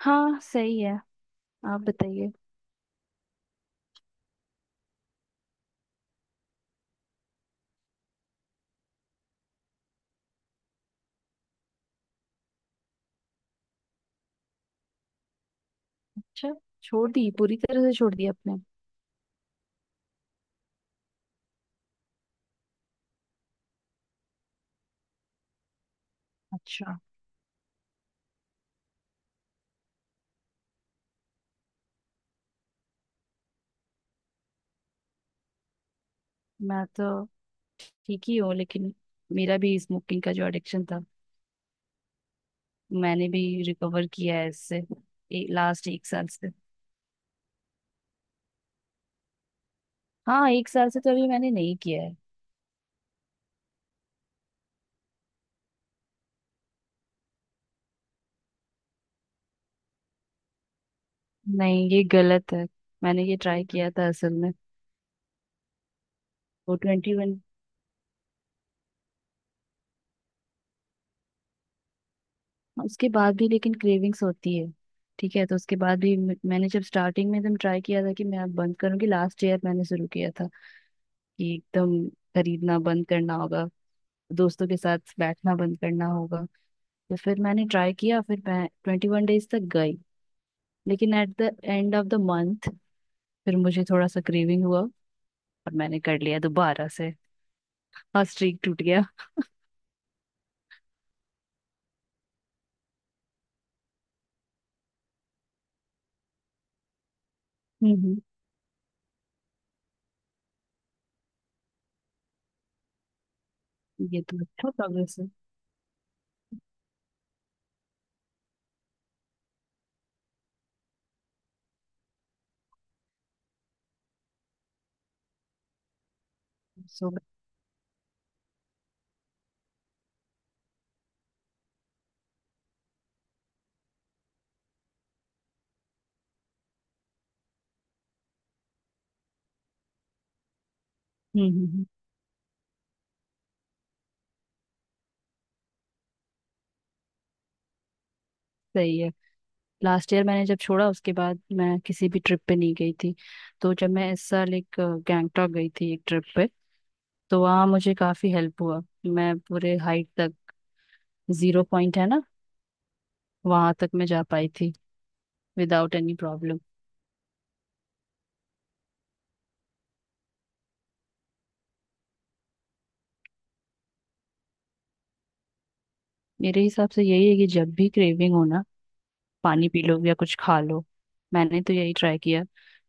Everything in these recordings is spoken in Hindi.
हाँ, सही है। आप बताइए। अच्छा। छोड़ दी, पूरी तरह से छोड़ दी आपने? अच्छा। मैं तो ठीक ही हूँ, लेकिन मेरा भी स्मोकिंग का जो एडिक्शन था, मैंने भी रिकवर किया है इससे लास्ट एक साल से। हाँ, एक साल से तो अभी मैंने नहीं किया है। नहीं, ये गलत है। मैंने ये ट्राई किया था असल में। वो ट्वेंटी वन, उसके बाद भी लेकिन क्रेविंग्स होती है। ठीक है, तो उसके बाद भी मैंने जब स्टार्टिंग में एकदम ट्राई किया था कि मैं अब बंद करूंगी, लास्ट ईयर मैंने शुरू किया था कि एकदम खरीदना बंद करना होगा, दोस्तों के साथ बैठना बंद करना होगा। तो फिर मैंने ट्राई किया, फिर मैं 21 डेज तक गई लेकिन at the end of the month फिर मुझे थोड़ा सा क्रेविंग हुआ और मैंने कर लिया दोबारा से और स्ट्रीक टूट गया। हम्म। ये तो अच्छा प्रोग्रेस है। सो। हम्म हम्म, हम्म, सही है। लास्ट ईयर मैंने जब छोड़ा उसके बाद मैं किसी भी ट्रिप पे नहीं गई थी। तो जब मैं इस साल एक गैंगटॉक गई थी एक ट्रिप पे, तो वहाँ मुझे काफी हेल्प हुआ। मैं पूरे हाइट तक, जीरो पॉइंट है ना, वहां तक मैं जा पाई थी विदाउट एनी प्रॉब्लम। मेरे हिसाब से यही है कि जब भी क्रेविंग हो ना, पानी पी लो या कुछ खा लो। मैंने तो यही ट्राई किया।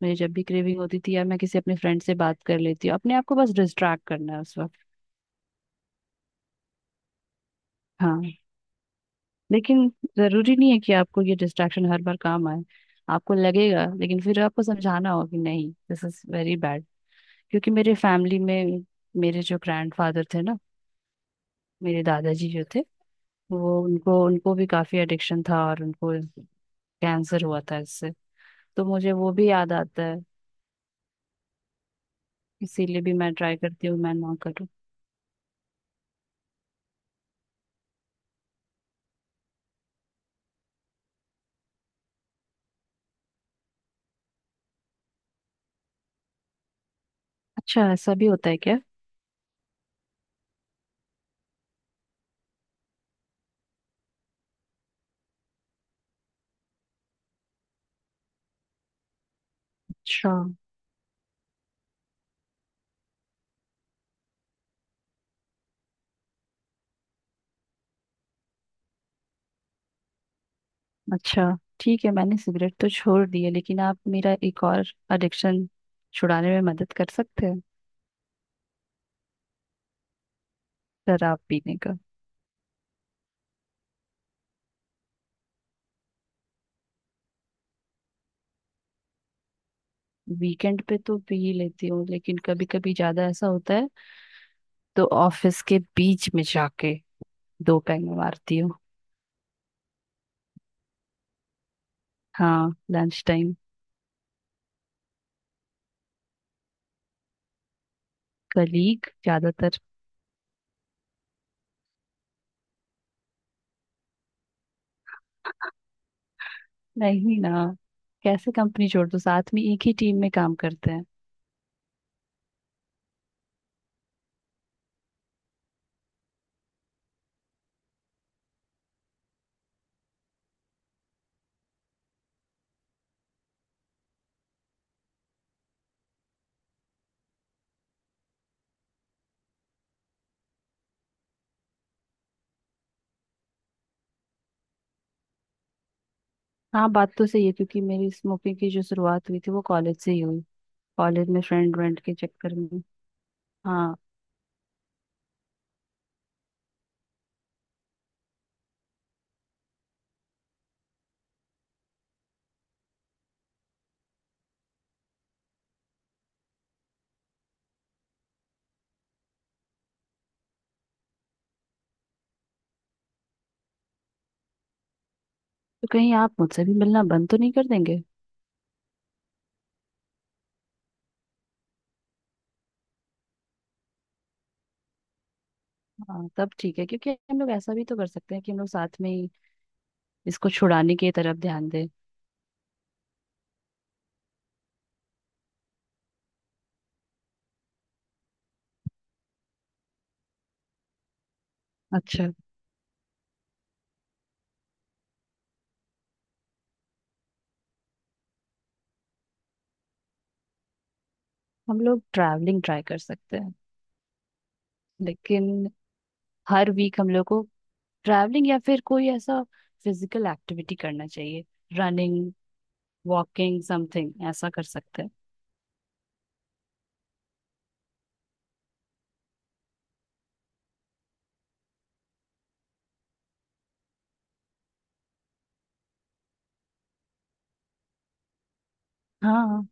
मुझे जब भी क्रेविंग होती थी यार, मैं किसी अपने फ्रेंड से बात कर लेती हूँ, अपने आप को बस डिस्ट्रैक्ट करना है उस वक्त। हाँ। लेकिन जरूरी नहीं है कि आपको ये डिस्ट्रैक्शन हर बार काम आए। आपको लगेगा लेकिन फिर आपको समझाना होगा कि नहीं, दिस इज वेरी बैड। क्योंकि मेरे फैमिली में मेरे जो ग्रैंडफादर थे ना, मेरे दादाजी जो थे, वो उनको उनको भी काफी एडिक्शन था और उनको कैंसर हुआ था इससे। तो मुझे वो भी याद आता है। इसीलिए भी मैं ट्राई करती हूँ मैं ना करूँ। अच्छा, ऐसा भी होता है क्या? अच्छा। अच्छा, ठीक है। मैंने सिगरेट तो छोड़ दी है लेकिन आप मेरा एक और एडिक्शन छुड़ाने में मदद कर सकते हैं। शराब पीने का। वीकेंड पे तो पी ही लेती हूँ लेकिन कभी कभी ज्यादा ऐसा होता है, तो ऑफिस के बीच में जाके दो पैंग मारती हूँ। हाँ, लंच टाइम। कलीग ज्यादातर। नहीं ना। कैसे कंपनी छोड़ दो, साथ में एक ही टीम में काम करते हैं। हाँ, बात तो सही है क्योंकि मेरी स्मोकिंग की जो शुरुआत हुई थी वो कॉलेज से ही हुई। कॉलेज में फ्रेंड व्रेंड के चक्कर में। हाँ। तो कहीं आप मुझसे भी मिलना बंद तो नहीं कर देंगे? हाँ, तब ठीक है क्योंकि हम लोग ऐसा भी तो कर सकते हैं कि हम लोग साथ में ही इसको छुड़ाने की तरफ ध्यान दें। अच्छा। हम लोग ट्रैवलिंग ट्राई कर सकते हैं। लेकिन हर वीक हम लोग को ट्रैवलिंग या फिर कोई ऐसा फिजिकल एक्टिविटी करना चाहिए। रनिंग, वॉकिंग, समथिंग ऐसा कर सकते हैं। हाँ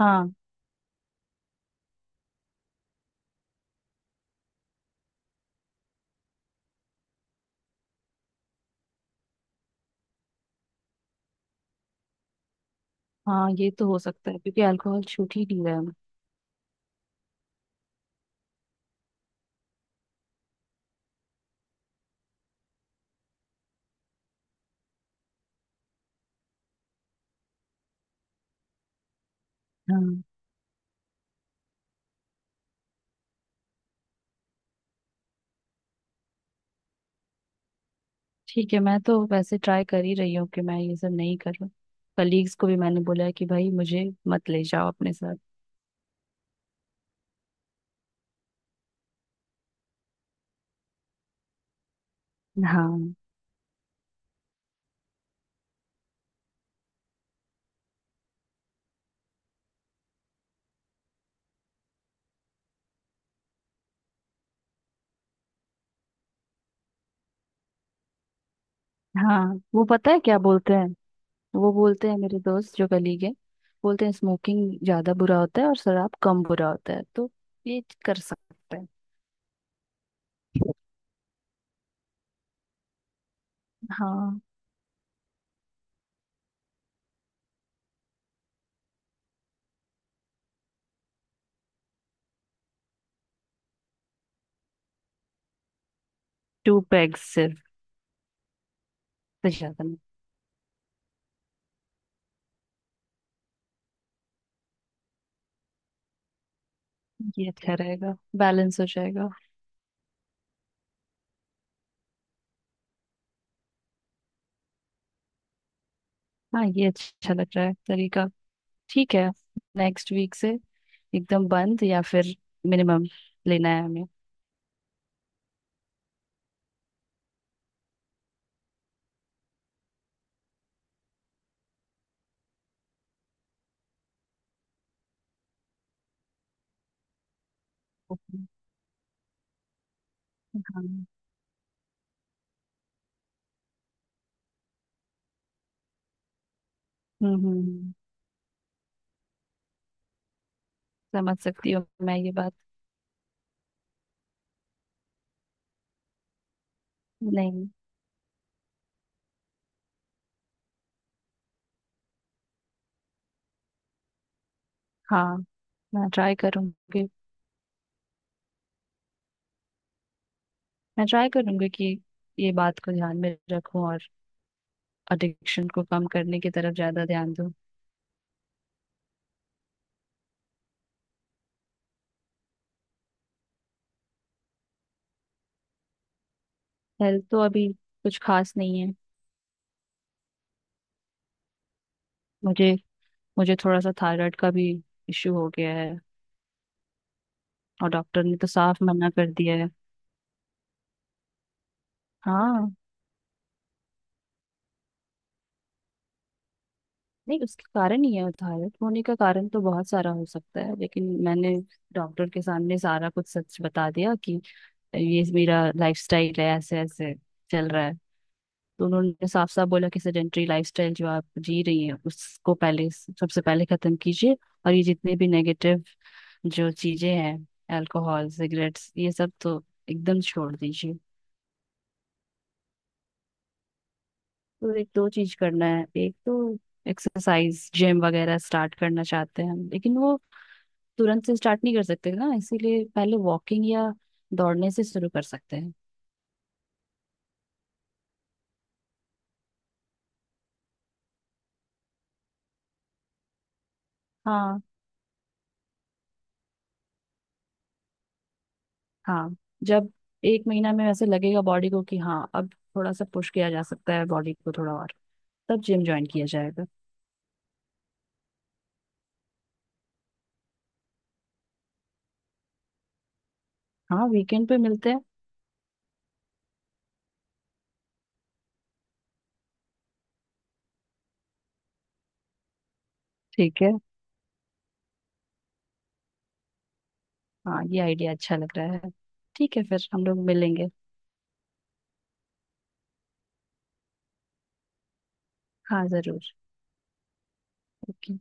हाँ। हाँ, ये तो हो सकता है क्योंकि अल्कोहल छूट ही नहीं रहा है हमें। हाँ। ठीक है, मैं तो वैसे ट्राई कर ही रही हूँ कि मैं ये सब नहीं कर रहा। कलीग्स को भी मैंने बोला है कि भाई मुझे मत ले जाओ अपने साथ। हाँ हाँ। वो पता है क्या बोलते हैं? वो बोलते हैं, मेरे दोस्त जो कलीग है बोलते हैं, स्मोकिंग ज्यादा बुरा होता है और शराब कम बुरा होता है, तो ये कर सकते हैं। हाँ, टू पैग सिर्फ। तो ज्यादा नहीं। ये अच्छा रहेगा, बैलेंस हो जाएगा। हाँ, ये अच्छा लग रहा है तरीका। ठीक है। नेक्स्ट वीक से एकदम बंद या फिर मिनिमम लेना है हमें। हाँ। हम्म हम्म, समझ सकती हूँ मैं ये बात। नहीं। हाँ। मैं ट्राई करूंगी। मैं ट्राई करूंगी कि ये बात को ध्यान में रखूं और एडिक्शन को कम करने की तरफ ज्यादा ध्यान दूं। हेल्थ तो अभी कुछ खास नहीं है। मुझे मुझे थोड़ा सा थायराइड का भी इश्यू हो गया है। और डॉक्टर ने तो साफ मना कर दिया है। हाँ। नहीं, उसके कारण ही है। थायराइड होने का कारण तो बहुत सारा हो सकता है लेकिन मैंने डॉक्टर के सामने सारा कुछ सच बता दिया कि ये मेरा लाइफस्टाइल है, ऐसे ऐसे चल रहा है। तो उन्होंने साफ साफ बोला कि सेडेंटरी लाइफस्टाइल जो आप जी रही हैं उसको पहले, सबसे पहले खत्म कीजिए। और ये जितने भी नेगेटिव जो चीजें हैं, अल्कोहल, सिगरेट्स, ये सब तो एकदम छोड़ दीजिए। तो एक दो चीज करना है। एक तो एक्सरसाइज, जिम वगैरह स्टार्ट करना चाहते हैं हम, लेकिन वो तुरंत से स्टार्ट नहीं कर सकते ना, इसीलिए पहले वॉकिंग या दौड़ने से शुरू कर सकते हैं। हाँ हाँ। जब एक महीना में वैसे लगेगा बॉडी को कि हाँ अब थोड़ा सा पुश किया जा सकता है बॉडी को थोड़ा और, तब जिम ज्वाइन किया जाएगा। हाँ, वीकेंड पे मिलते हैं। ठीक है। हाँ, ये आइडिया अच्छा लग रहा है। ठीक है, फिर हम लोग मिलेंगे। हाँ जरूर। ओके।